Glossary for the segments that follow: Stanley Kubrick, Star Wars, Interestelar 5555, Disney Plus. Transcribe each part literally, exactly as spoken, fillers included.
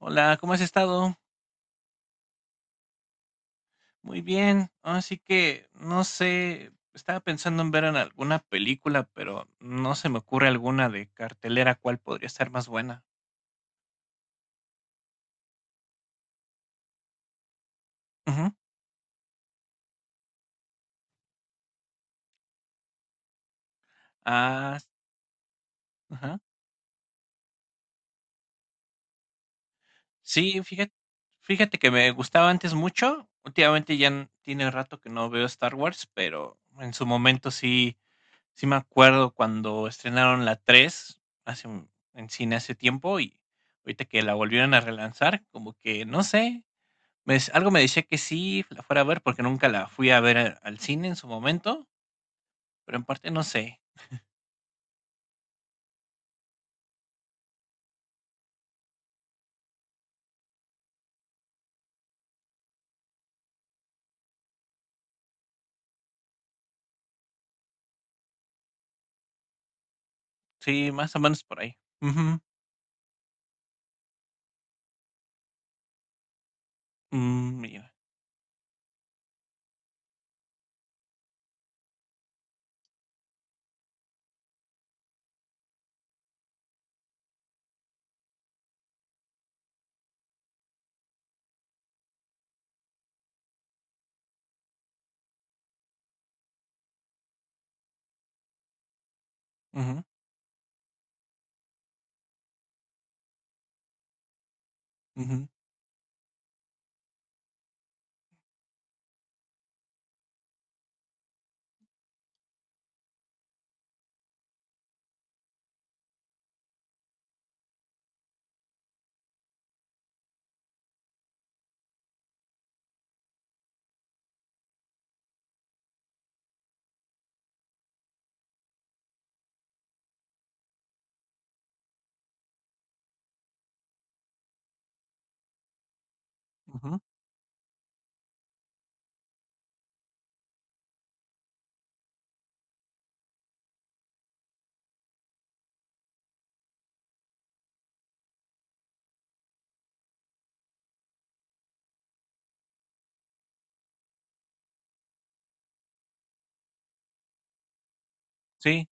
Hola, ¿cómo has estado? Muy bien. Así que no sé, estaba pensando en ver en alguna película, pero no se me ocurre alguna de cartelera cuál podría ser más buena. Ujú. Ah, s- ajá. Sí, fíjate, fíjate que me gustaba antes mucho. Últimamente ya n- tiene rato que no veo Star Wars, pero en su momento sí, sí me acuerdo cuando estrenaron la tres, hace un- en cine hace tiempo y ahorita que la volvieron a relanzar, como que no sé. Me dec- algo me decía que sí la fuera a ver porque nunca la fui a ver a- al cine en su momento, pero en parte no sé. Sí, más o menos por ahí. Ujú, mm, mira, ujú, ujú, ujú. Sí,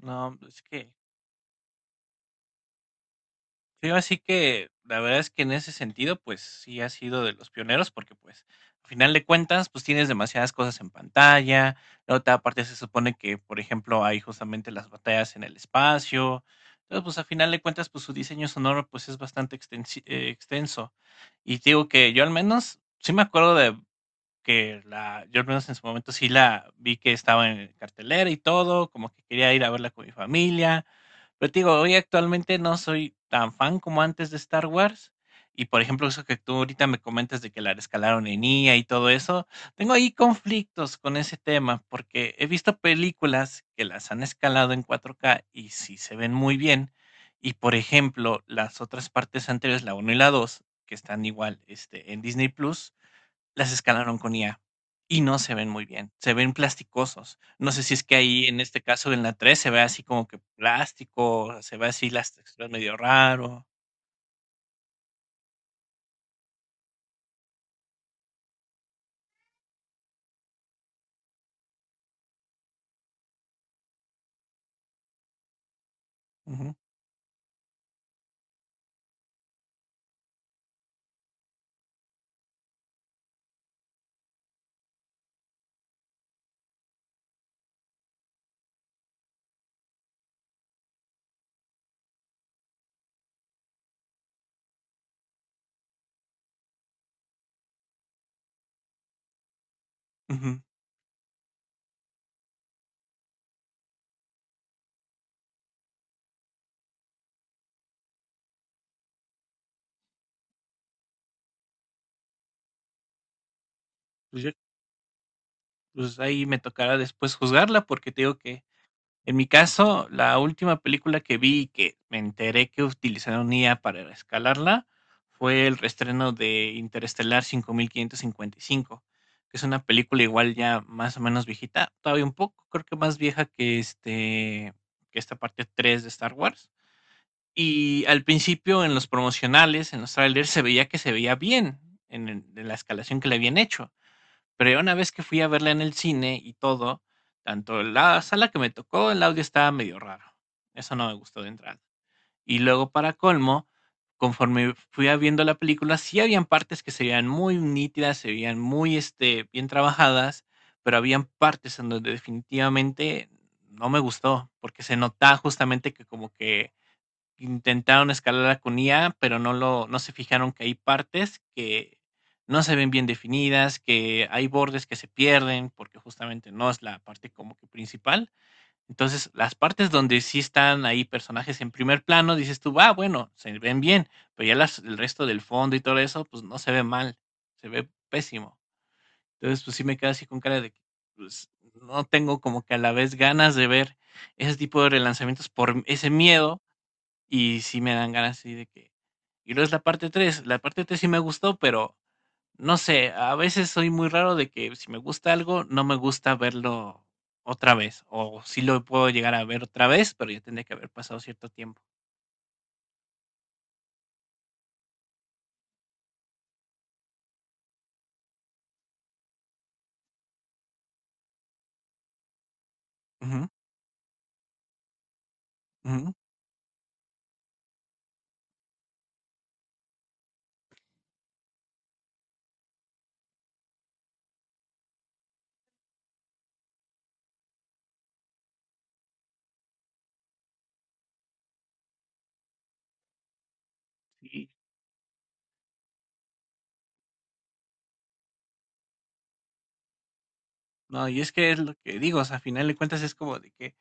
no, es que sí, así que la verdad es que en ese sentido, pues sí has sido de los pioneros, porque pues al final de cuentas, pues tienes demasiadas cosas en pantalla. La otra parte se supone que, por ejemplo, hay justamente las batallas en el espacio. Entonces, pues al final de cuentas, pues su diseño sonoro pues es bastante extensi- eh, extenso. Y te digo que yo al menos sí me acuerdo de que la, yo al menos en su momento sí la vi que estaba en cartelera y todo, como que quería ir a verla con mi familia, pero te digo, hoy actualmente no soy tan fan como antes de Star Wars. Y por ejemplo, eso que tú ahorita me comentas de que la rescalaron en I A y todo eso, tengo ahí conflictos con ese tema, porque he visto películas que las han escalado en cuatro K y sí se ven muy bien. Y por ejemplo, las otras partes anteriores, la uno y la dos que están igual este, en Disney Plus, las escalaron con I A y no se ven muy bien, se ven plasticosos. No sé si es que ahí en este caso en la tres se ve así como que plástico, se ve así las texturas medio raro. Ujú, ujú. Pues, yo- pues ahí me tocará después juzgarla porque te digo que en mi caso, la última película que vi y que me enteré que utilizaron I A para escalarla fue el reestreno de Interestelar cinco mil quinientos cincuenta y cinco, que es una película igual ya más o menos viejita, todavía un poco, creo que más vieja que este que esta parte tres de Star Wars. Y al principio en los promocionales, en los trailers se veía que se veía bien en, en la escalación que le habían hecho, pero ya una vez que fui a verla en el cine y todo, tanto la sala que me tocó, el audio estaba medio raro. Eso no me gustó de entrada. Y luego, para colmo, conforme fui a viendo la película, sí habían partes que se veían muy nítidas, se veían muy este, bien trabajadas, pero habían partes en donde definitivamente no me gustó, porque se notaba justamente que como que intentaron escalarla con I A, pero no lo, no se fijaron que hay partes que no se ven bien definidas, que hay bordes que se pierden, porque justamente no es la parte como que principal. Entonces, las partes donde sí están ahí personajes en primer plano, dices tú, va, ah, bueno, se ven bien, pero ya las, el resto del fondo y todo eso, pues no se ve mal, se ve pésimo. Entonces, pues sí me quedo así con cara de que pues, no tengo como que a la vez ganas de ver ese tipo de relanzamientos por ese miedo y sí me dan ganas así de que. Y luego es la parte tres, la parte tres sí me gustó, pero no sé, a veces soy muy raro de que si me gusta algo, no me gusta verlo otra vez, o sí lo puedo llegar a ver otra vez, pero ya tendría que haber pasado cierto tiempo. Ujú, ujú, sí. No, y es que es lo que digo, o sea, a final de cuentas es como de que,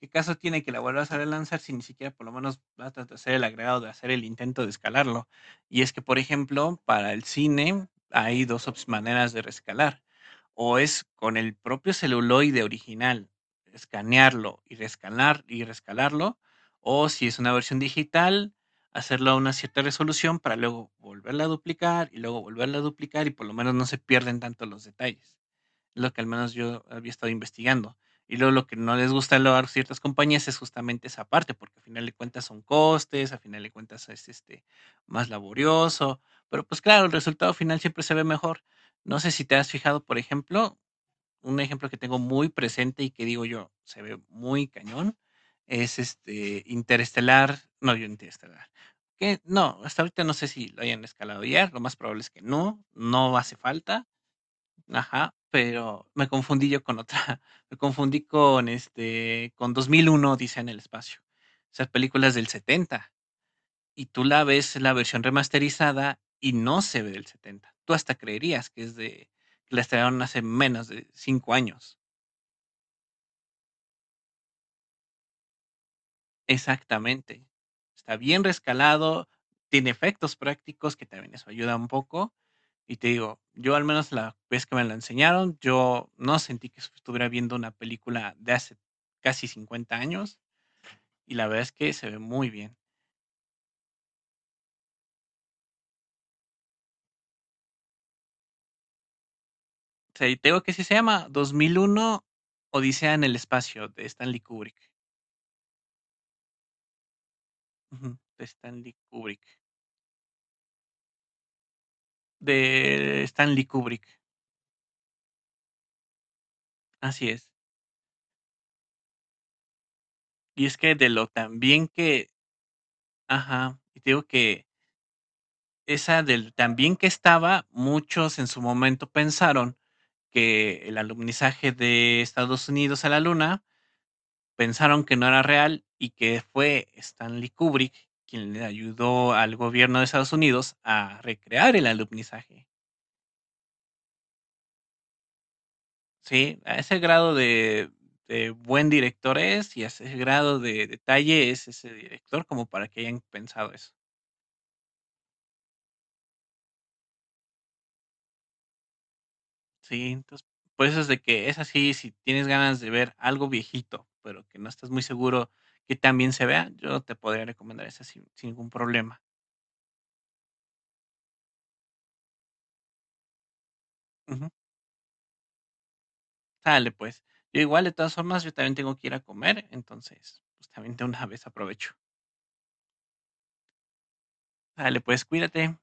¿qué caso tiene que la vuelvas a relanzar si ni siquiera por lo menos vas a hacer el agregado de hacer el intento de escalarlo? Y es que, por ejemplo, para el cine hay dos ops- maneras de rescalar. O es con el propio celuloide original, escanearlo y rescalar y rescalarlo, o si es una versión digital, hacerlo a una cierta resolución para luego volverla a duplicar y luego volverla a duplicar y por lo menos no se pierden tanto los detalles. Lo que al menos yo había estado investigando. Y luego lo que no les gusta a ciertas compañías es justamente esa parte, porque al final de cuentas son costes, al final de cuentas es este más laborioso, pero pues claro, el resultado final siempre se ve mejor. No sé si te has fijado, por ejemplo, un ejemplo que tengo muy presente y que digo yo, se ve muy cañón, es este Interestelar, no, yo Interestelar. Que no, hasta ahorita no sé si lo hayan escalado ya, lo más probable es que no, no hace falta. Ajá, pero me confundí yo con otra. Me confundí con, este, con dos mil uno dice en el espacio. Esas películas del setenta. Y tú la ves la versión remasterizada y no se ve del setenta. Tú hasta creerías que es de que la estrenaron hace menos de cinco años. Exactamente. Está bien rescalado, tiene efectos prácticos, que también eso ayuda un poco. Y te digo, yo al menos la vez que me la enseñaron, yo no sentí que estuviera viendo una película de hace casi cincuenta años y la verdad es que se ve muy bien. O sea, y te digo que sí se llama dos mil uno Odisea en el espacio de Stanley Kubrick. Ujú, de Stanley Kubrick. De Stanley Kubrick. Así es. Y es que de lo tan bien que, ajá, y te digo que esa del también que estaba, muchos en su momento pensaron que el alunizaje de Estados Unidos a la Luna, pensaron que no era real y que fue Stanley Kubrick quien le ayudó al gobierno de Estados Unidos a recrear el alunizaje. Sí, a ese grado de, de buen director es, y a ese grado de detalle es ese director como para que hayan pensado eso. Sí, entonces, por eso es de que es así, si tienes ganas de ver algo viejito, pero que no estás muy seguro que también se vea, yo te podría recomendar esa sin, sin ningún problema. Ujú. Sale, pues. Yo igual, de todas formas, yo también tengo que ir a comer, entonces, pues también de una vez aprovecho. Sale, pues, cuídate.